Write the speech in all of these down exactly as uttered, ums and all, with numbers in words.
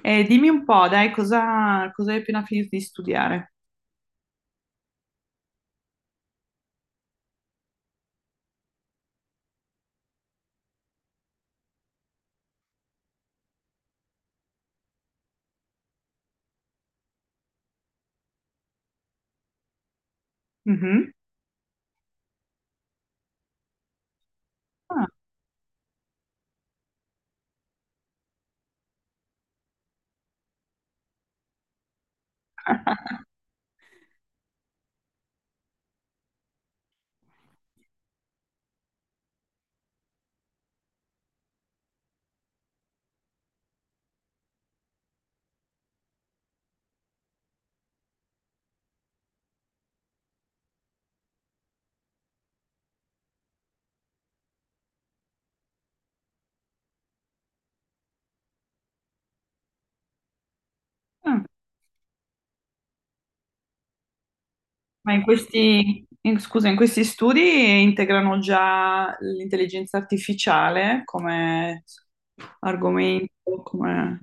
E dimmi un po', dai, cosa, cosa hai appena finito di studiare? Mhm. Ah, ah. Ma in questi, in- scusa, in questi studi integrano già l'intelligenza artificiale come argomento, come...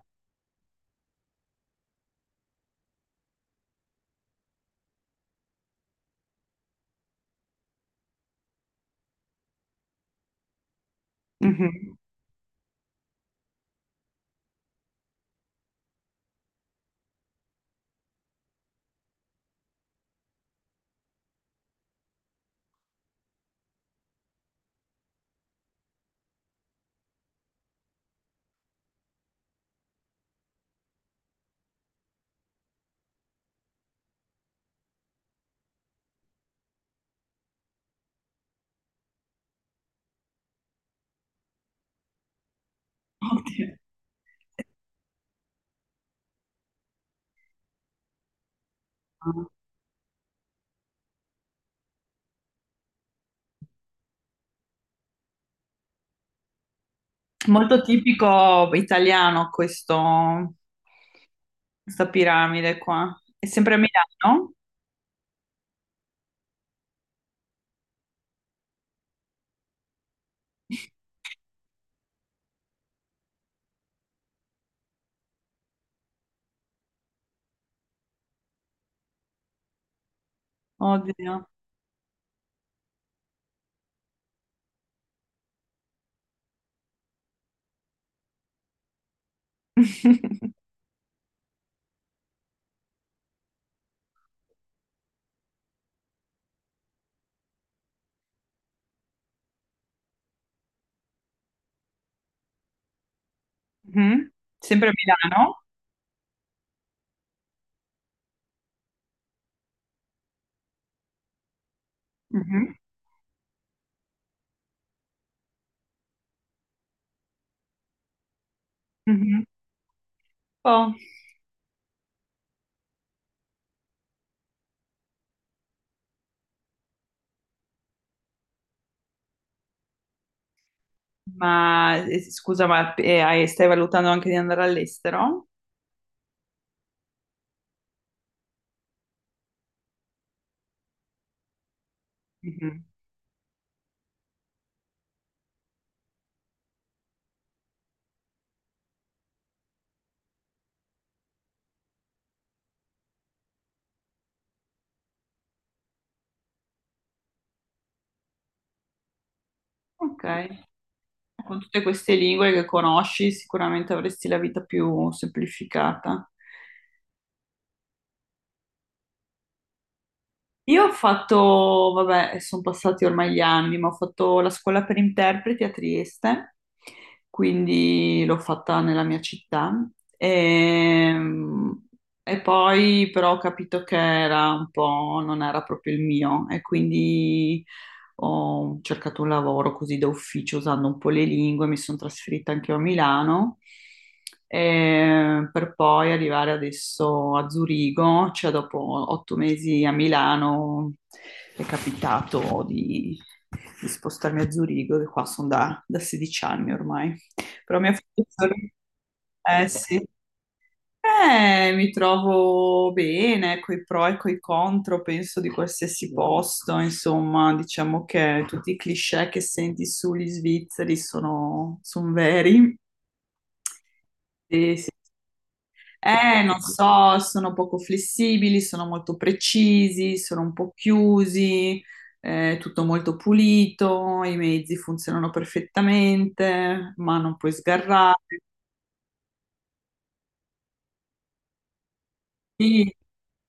Mhm. Ottimo. Molto tipico italiano questo, questa piramide qua. È sempre a Milano? Oddio. Mhm. Sempre a Milano? Mhm. Mhm. Oh. Ma eh, scusa, ma eh, hai- stai valutando anche di andare all'estero? Mhm. Ok, con tutte queste lingue che conosci, sicuramente avresti la vita più semplificata. Io ho fatto, vabbè, sono passati ormai gli anni, ma ho fatto la scuola per interpreti a Trieste, quindi l'ho fatta nella mia città. Ehm, E, poi però ho capito che era un po', non era proprio il mio, e quindi ho cercato un lavoro così da ufficio usando un po' le lingue, mi sono trasferita anche io a Milano, eh, per poi arrivare adesso a Zurigo, cioè dopo otto mesi a Milano è capitato di, di spostarmi a Zurigo, che qua sono da, da sedici anni ormai. Però mi ha fatto solo... Eh sì, eh, mi trovo bene coi pro e coi contro, penso di qualsiasi posto, insomma, diciamo che tutti i cliché che senti sugli svizzeri sono, son veri. Sì, sì. Eh, non so, sono poco flessibili, sono molto precisi, sono un po' chiusi, eh, tutto molto pulito, i mezzi funzionano perfettamente, ma non puoi sgarrare.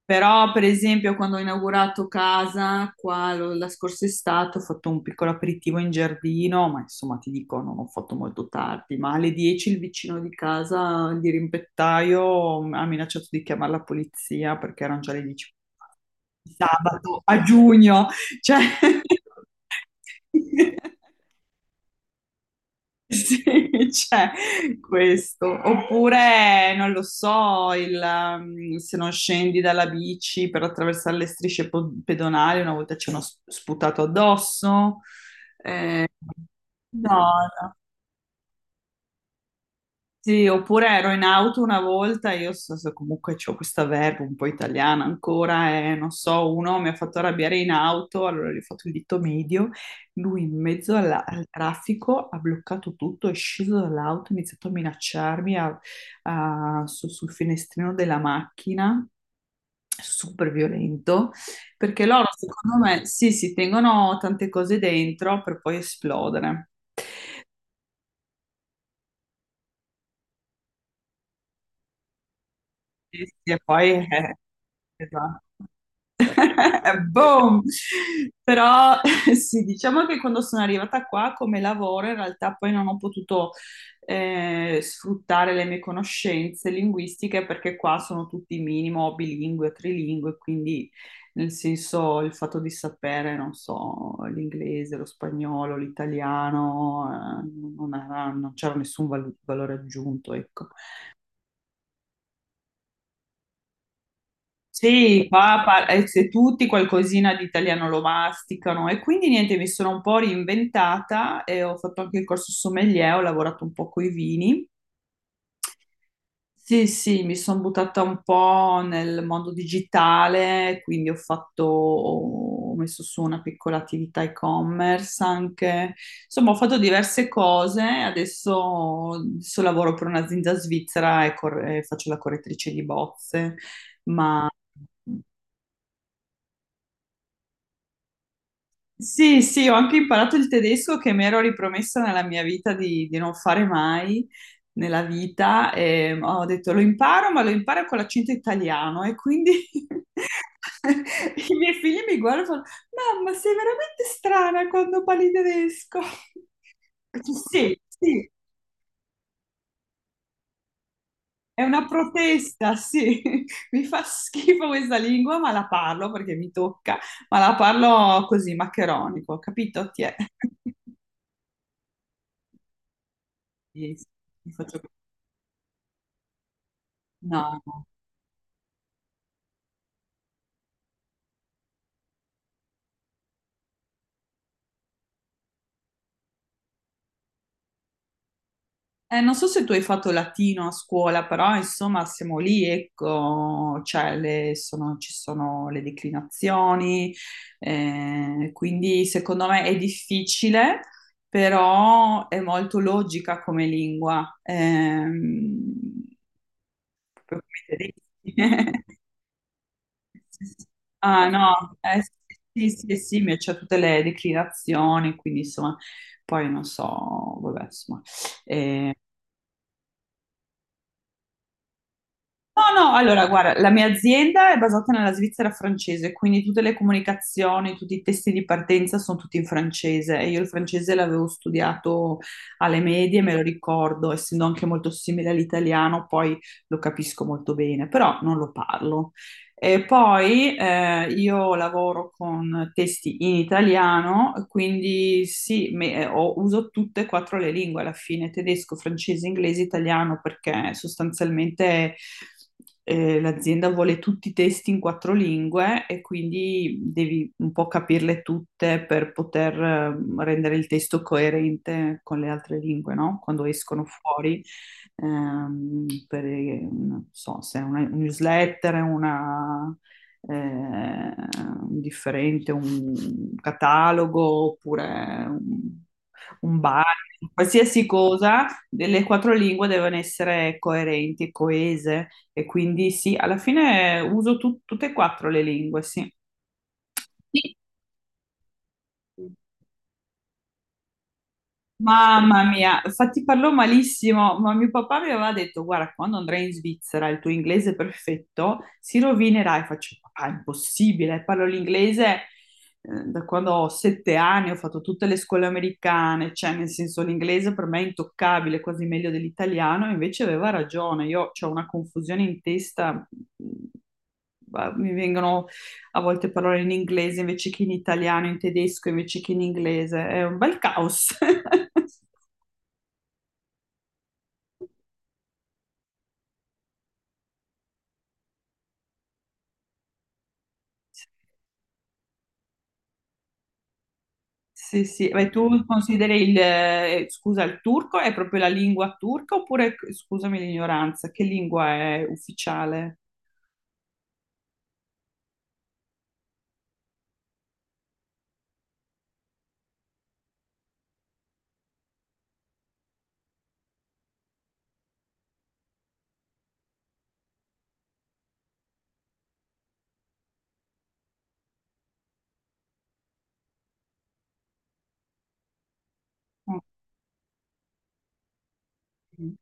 Però, per esempio, quando ho inaugurato casa qua lo- la scorsa estate, ho fatto un piccolo aperitivo in giardino, ma insomma ti dico, non ho fatto molto tardi, ma alle dieci il vicino di casa, il dirimpettaio, ha minacciato di chiamare la polizia perché erano già le dieci di sabato a giugno, cioè... Sì, c'è questo. Oppure, non lo so, il, um, se non scendi dalla bici per attraversare le strisce po- pedonali, una volta ci hanno sp- sputato addosso. Eh, no, no. Sì, oppure ero in auto una volta, io so, so- comunque ho questa verba un po' italiana ancora, e non so, uno mi ha fatto arrabbiare in auto, allora gli ho fatto il dito medio, lui in mezzo alla- al traffico ha bloccato tutto, è sceso dall'auto, ha iniziato a minacciarmi a- a- su- sul finestrino della macchina, super violento, perché loro secondo me sì, si tengono tante cose dentro per poi esplodere. Sì, sì. E poi... eh, esatto. Boom! Però sì, diciamo che quando sono arrivata qua come lavoro, in realtà poi non ho potuto eh, sfruttare le mie conoscenze linguistiche perché qua sono tutti minimo bilingue, trilingue, quindi nel senso il fatto di sapere, non so, l'inglese, lo spagnolo, l'italiano, eh, non era- non c'era nessun val- valore aggiunto, ecco. Sì, qua par- eh, se tutti qualcosina di italiano lo masticano e quindi niente, mi sono un po' reinventata e ho fatto anche il corso sommelier, ho lavorato un po' con i vini. Sì, sì, mi sono buttata un po' nel mondo digitale, quindi ho fatto, ho messo su una piccola attività e-commerce anche, insomma ho fatto diverse cose, adesso, adesso lavoro per un'azienda svizzera e, cor- e faccio la correttrice di bozze, ma... Sì, sì, ho anche imparato il tedesco che mi ero ripromessa nella mia vita di, di, non fare mai nella vita. E ho detto lo imparo, ma lo imparo con l'accento italiano e quindi i miei figli mi guardano e fanno, mamma, sei veramente strana quando parli tedesco. Sì, sì, è una protesta, sì. Mi fa schifo questa lingua, ma la parlo perché mi tocca, ma la parlo così, maccheronico, capito? Ti è? Sì, sì, mi faccio- No, no. Eh, non so se tu hai fatto latino a scuola, però insomma siamo lì, ecco, cioè, le- sono- ci sono le declinazioni, eh, quindi secondo me è difficile, però è molto logica come lingua. Ehm, proprio come i tedeschi. Ah no, eh, sì, sì, sì, mi c'è tutte le declinazioni, quindi insomma, poi non so, vabbè, insomma. Eh, no, no, allora, guarda, la mia azienda è basata nella Svizzera francese, quindi tutte le comunicazioni, tutti i testi di partenza sono tutti in francese e io il francese l'avevo studiato alle medie, me lo ricordo, essendo anche molto simile all'italiano, poi lo capisco molto bene, però non lo parlo. E poi eh, io lavoro con testi in italiano, quindi sì, me- eh, ho- uso tutte e quattro le lingue alla fine, tedesco, francese, inglese, italiano, perché sostanzialmente eh, l'azienda vuole tutti i testi in quattro lingue e quindi devi un po' capirle tutte per poter eh, rendere il testo coerente con le altre lingue, no? Quando escono fuori ehm, per, non so se è una newsletter, una, eh, un differente, un catalogo oppure un, un, bar, qualsiasi cosa, le quattro lingue devono essere coerenti, coese e quindi sì, alla fine uso tut- tutte e quattro le lingue, sì. Sì. Mamma mia, infatti parlo malissimo, ma mio papà mi aveva detto, guarda, quando andrai in Svizzera il tuo inglese perfetto si rovinerà e faccio, papà, è impossibile, parlo l'inglese eh, da quando ho sette anni, ho fatto tutte le scuole americane, cioè nel senso l'inglese per me è intoccabile, quasi meglio dell'italiano, e invece aveva ragione, io ho una confusione in testa, ma mi vengono a volte parole in inglese invece che in italiano, in tedesco invece che in inglese, è un bel caos. Sì, sì, ma tu consideri il, eh, scusa, il turco è proprio la lingua turca oppure, scusami l'ignoranza, che lingua è ufficiale? Ok.